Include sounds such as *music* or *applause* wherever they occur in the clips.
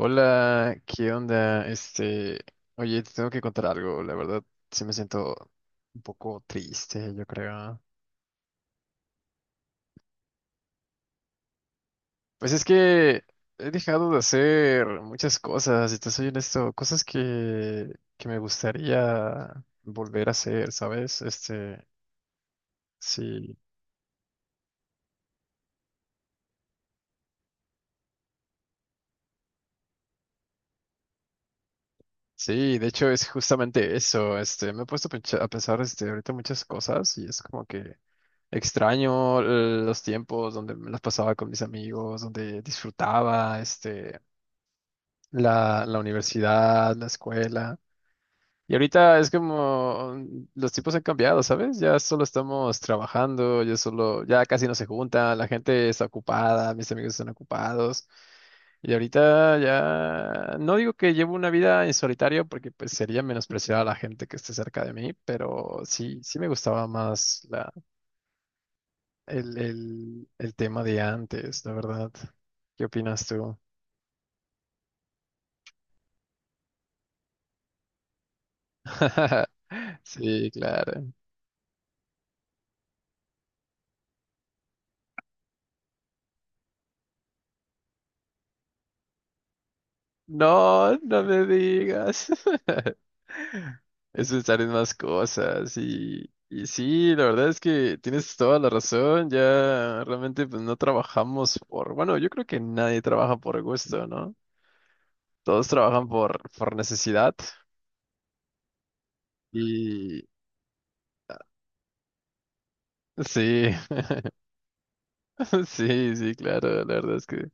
Hola, ¿qué onda? Oye, te tengo que contar algo, la verdad, sí me siento un poco triste, yo creo. Pues es que he dejado de hacer muchas cosas, y te soy honesto, cosas que me gustaría volver a hacer, ¿sabes? Sí, sí, de hecho es justamente eso, me he puesto a a pensar, ahorita muchas cosas, y es como que extraño los tiempos donde me las pasaba con mis amigos, donde disfrutaba la universidad, la escuela. Y ahorita es como los tipos han cambiado, ¿sabes? Ya solo estamos trabajando, ya solo, ya casi no se juntan, la gente está ocupada, mis amigos están ocupados. Y ahorita ya no digo que llevo una vida en solitario porque pues sería menospreciar a la gente que esté cerca de mí, pero sí, sí me gustaba más el tema de antes, la verdad. ¿Qué opinas tú? *laughs* Sí, claro. No, no me digas. *laughs* Es pensar en más cosas y sí, la verdad es que tienes toda la razón. Ya realmente pues no trabajamos por, bueno, yo creo que nadie trabaja por gusto, ¿no? Todos trabajan por necesidad y sí, *laughs* sí, sí, claro, la verdad es que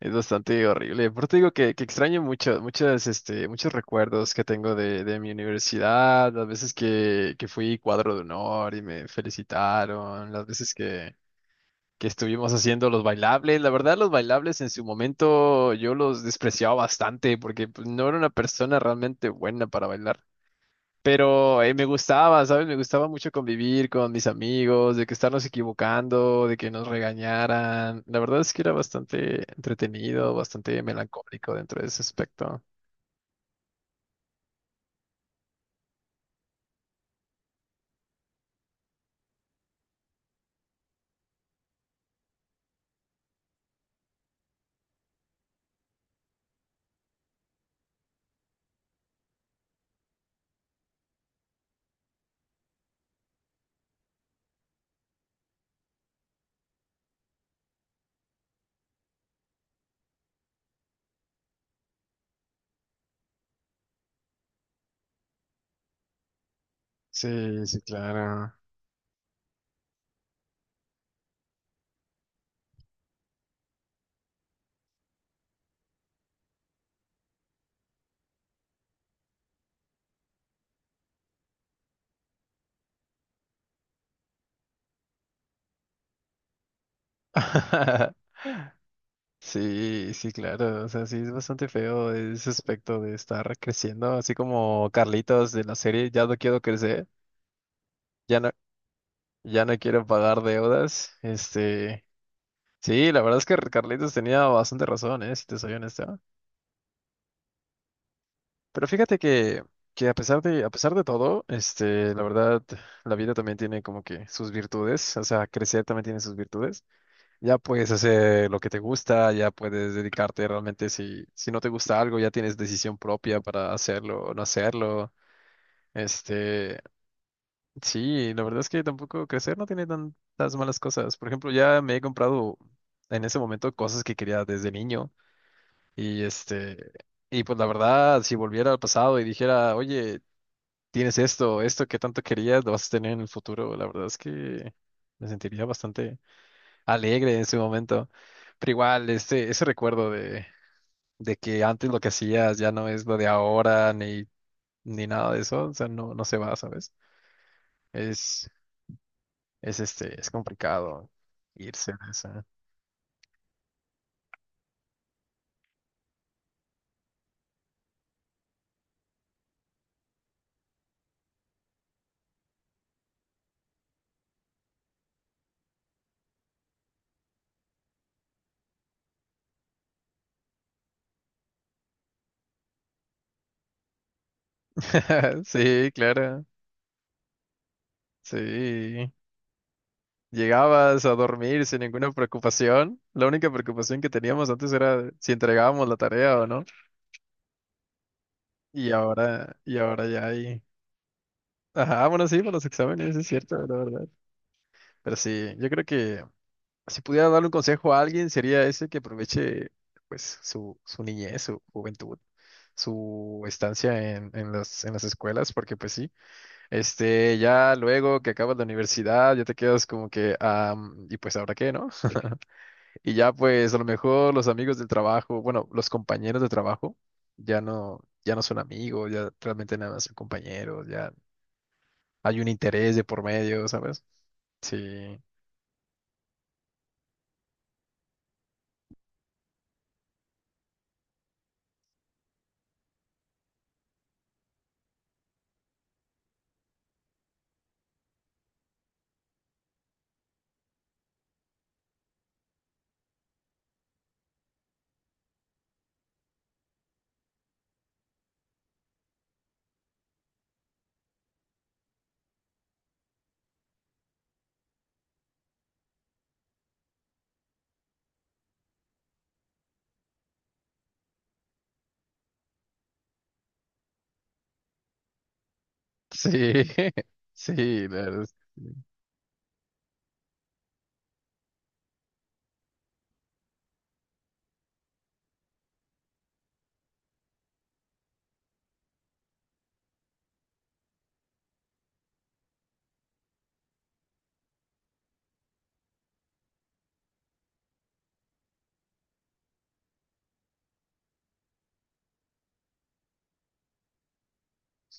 es bastante horrible. Por te digo que, extraño mucho, muchas, muchos recuerdos que tengo de mi universidad, las veces que, fui cuadro de honor y me felicitaron, las veces que estuvimos haciendo los bailables. La verdad, los bailables en su momento yo los despreciaba bastante porque pues, no era una persona realmente buena para bailar. Pero me gustaba, ¿sabes? Me gustaba mucho convivir con mis amigos, de que estarnos equivocando, de que nos regañaran. La verdad es que era bastante entretenido, bastante melancólico dentro de ese aspecto. Sí, sí, claro. *laughs* Sí, sí, claro. O sea, sí, es bastante feo ese aspecto de estar creciendo, así como Carlitos de la serie, ya no quiero crecer, ya no, ya no quiero pagar deudas. Sí, la verdad es que Carlitos tenía bastante razón, ¿eh? Si te soy honesto. Pero fíjate que a pesar de todo, la verdad, la vida también tiene como que sus virtudes, o sea, crecer también tiene sus virtudes. Ya puedes hacer lo que te gusta, ya puedes dedicarte realmente si no te gusta algo, ya tienes decisión propia para hacerlo o no hacerlo. Este, sí, la verdad es que tampoco crecer no tiene tantas malas cosas. Por ejemplo, ya me he comprado en ese momento cosas que quería desde niño y este, y pues la verdad, si volviera al pasado y dijera, oye, tienes esto, esto que tanto querías, lo vas a tener en el futuro. La verdad es que me sentiría bastante alegre en ese momento. Pero igual, ese recuerdo de que antes lo que hacías ya no es lo de ahora, ni nada de eso, o sea, no se va, ¿sabes? Es, es complicado irse de esa. *laughs* Sí, claro, sí. Llegabas a dormir sin ninguna preocupación. La única preocupación que teníamos antes era si entregábamos la tarea o no. Y ahora ya hay. Ajá, bueno, sí, para los exámenes, es cierto, la verdad. Pero sí, yo creo que si pudiera darle un consejo a alguien, sería ese que aproveche pues su niñez, su juventud, su estancia en las escuelas, porque pues sí, ya luego que acabas la universidad, ya te quedas como que, y pues ahora qué, ¿no? *laughs* Y ya pues a lo mejor los amigos del trabajo, bueno, los compañeros de trabajo, ya no, ya no son amigos, ya realmente nada más son compañeros, ya hay un interés de por medio, ¿sabes? Sí, sí, *laughs* sí, la verdad es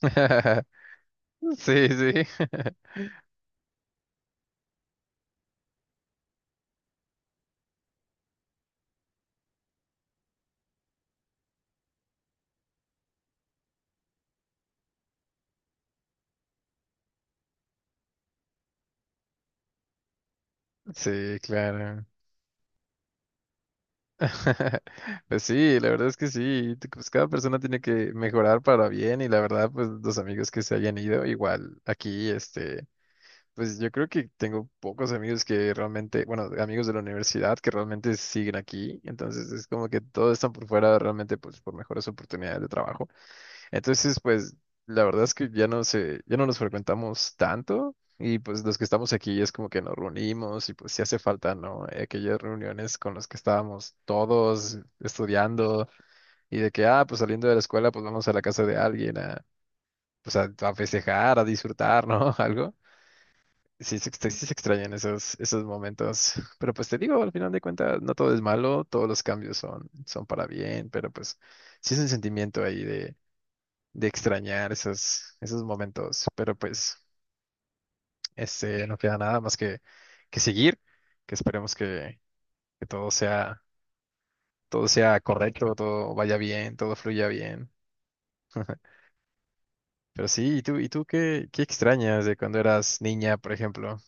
que sí, *laughs* sí, sí, *laughs* sí, claro. *laughs* Pues sí, la verdad es que sí, pues cada persona tiene que mejorar para bien y la verdad, pues los amigos que se hayan ido, igual aquí, pues yo creo que tengo pocos amigos que realmente, bueno, amigos de la universidad que realmente siguen aquí, entonces es como que todos están por fuera realmente, pues por mejores oportunidades de trabajo. Entonces, pues la verdad es que ya no nos frecuentamos tanto y pues los que estamos aquí es como que nos reunimos y pues sí hace falta, ¿no? Aquellas reuniones con las que estábamos todos estudiando y de que, ah, pues saliendo de la escuela, pues vamos a la casa de alguien a, pues a festejar, a disfrutar, ¿no? *laughs* Algo. Sí se extrañan esos momentos, pero pues te digo, al final de cuentas, no todo es malo, todos los cambios son para bien, pero pues sí es un sentimiento ahí de extrañar esos momentos. Pero pues, no queda nada más que seguir, que esperemos que todo sea correcto, todo vaya bien, todo fluya bien. *laughs* Pero sí, ¿y tú qué extrañas de cuando eras niña, por ejemplo?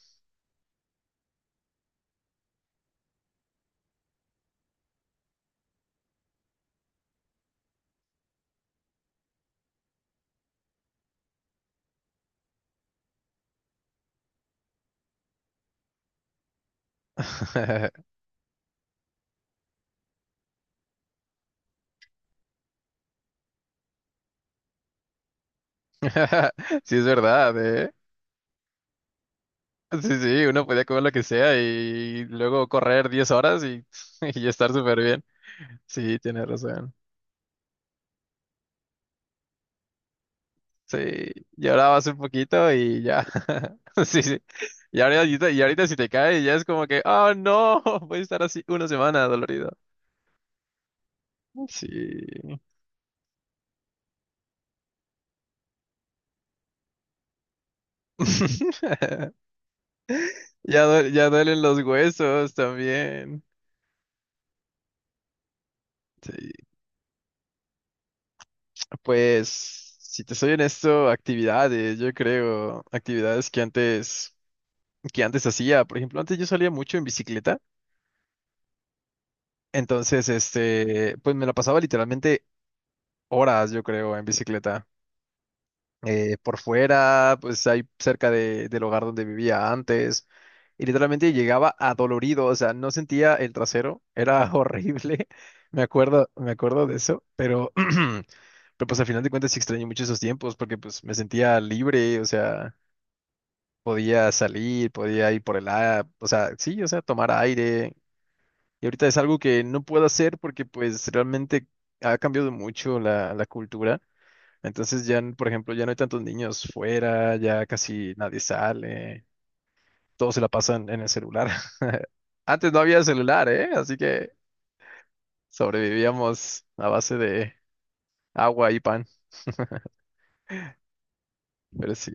*laughs* Sí, es verdad, ¿eh? Sí, sí, uno podía comer lo que sea y luego correr 10 horas y, *laughs* y estar súper bien. Sí, tienes razón. Sí, lloraba hace un poquito y ya. *laughs* Sí, sí. Y ahorita si te cae, ya es como que, oh no, *laughs* voy a estar así una semana dolorido. Sí. *laughs* Ya, ya duelen los huesos también. Sí. Pues, si te soy honesto, actividades, yo creo, actividades que antes hacía. Por ejemplo, antes yo salía mucho en bicicleta. Entonces, pues me la pasaba literalmente horas, yo creo, en bicicleta. Por fuera, pues ahí cerca del hogar donde vivía antes. Y literalmente llegaba adolorido, o sea, no sentía el trasero, era *laughs* horrible. Me acuerdo de eso, pero, *clears throat* pero pues al final de cuentas sí extrañé mucho esos tiempos porque pues me sentía libre, o sea, podía salir, podía ir por el aire, o sea, sí, o sea, tomar aire. Y ahorita es algo que no puedo hacer porque pues realmente ha cambiado mucho la cultura. Entonces ya, por ejemplo, ya no hay tantos niños fuera, ya casi nadie sale, todos se la pasan en el celular. *laughs* Antes no había celular, ¿eh? Así que sobrevivíamos a base de agua y pan. Pero sí,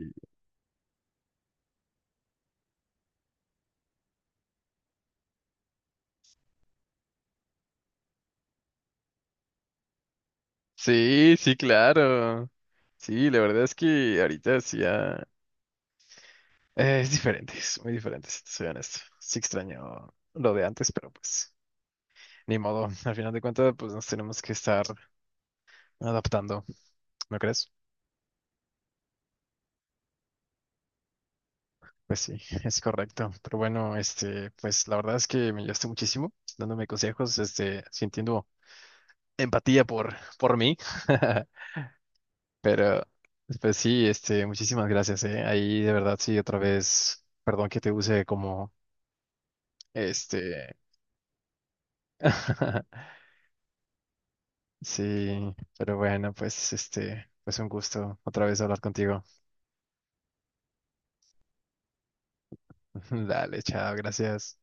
sí, sí, claro. Sí, la verdad es que ahorita sí ya es diferente, es muy diferente, si te soy honesto. Sí extraño lo de antes, pero pues ni modo. *laughs* Al final de cuentas, pues nos tenemos que estar adaptando, ¿no crees? Pues sí, *laughs* es correcto. Pero bueno, pues la verdad es que me ayudaste muchísimo dándome consejos, sintiendo empatía por mí. *laughs* Pero, pues sí, muchísimas gracias, eh. Ahí de verdad sí, otra vez, perdón que te use como, este, *laughs* sí, pero bueno, pues pues un gusto otra vez hablar contigo. *laughs* Dale, chao, gracias.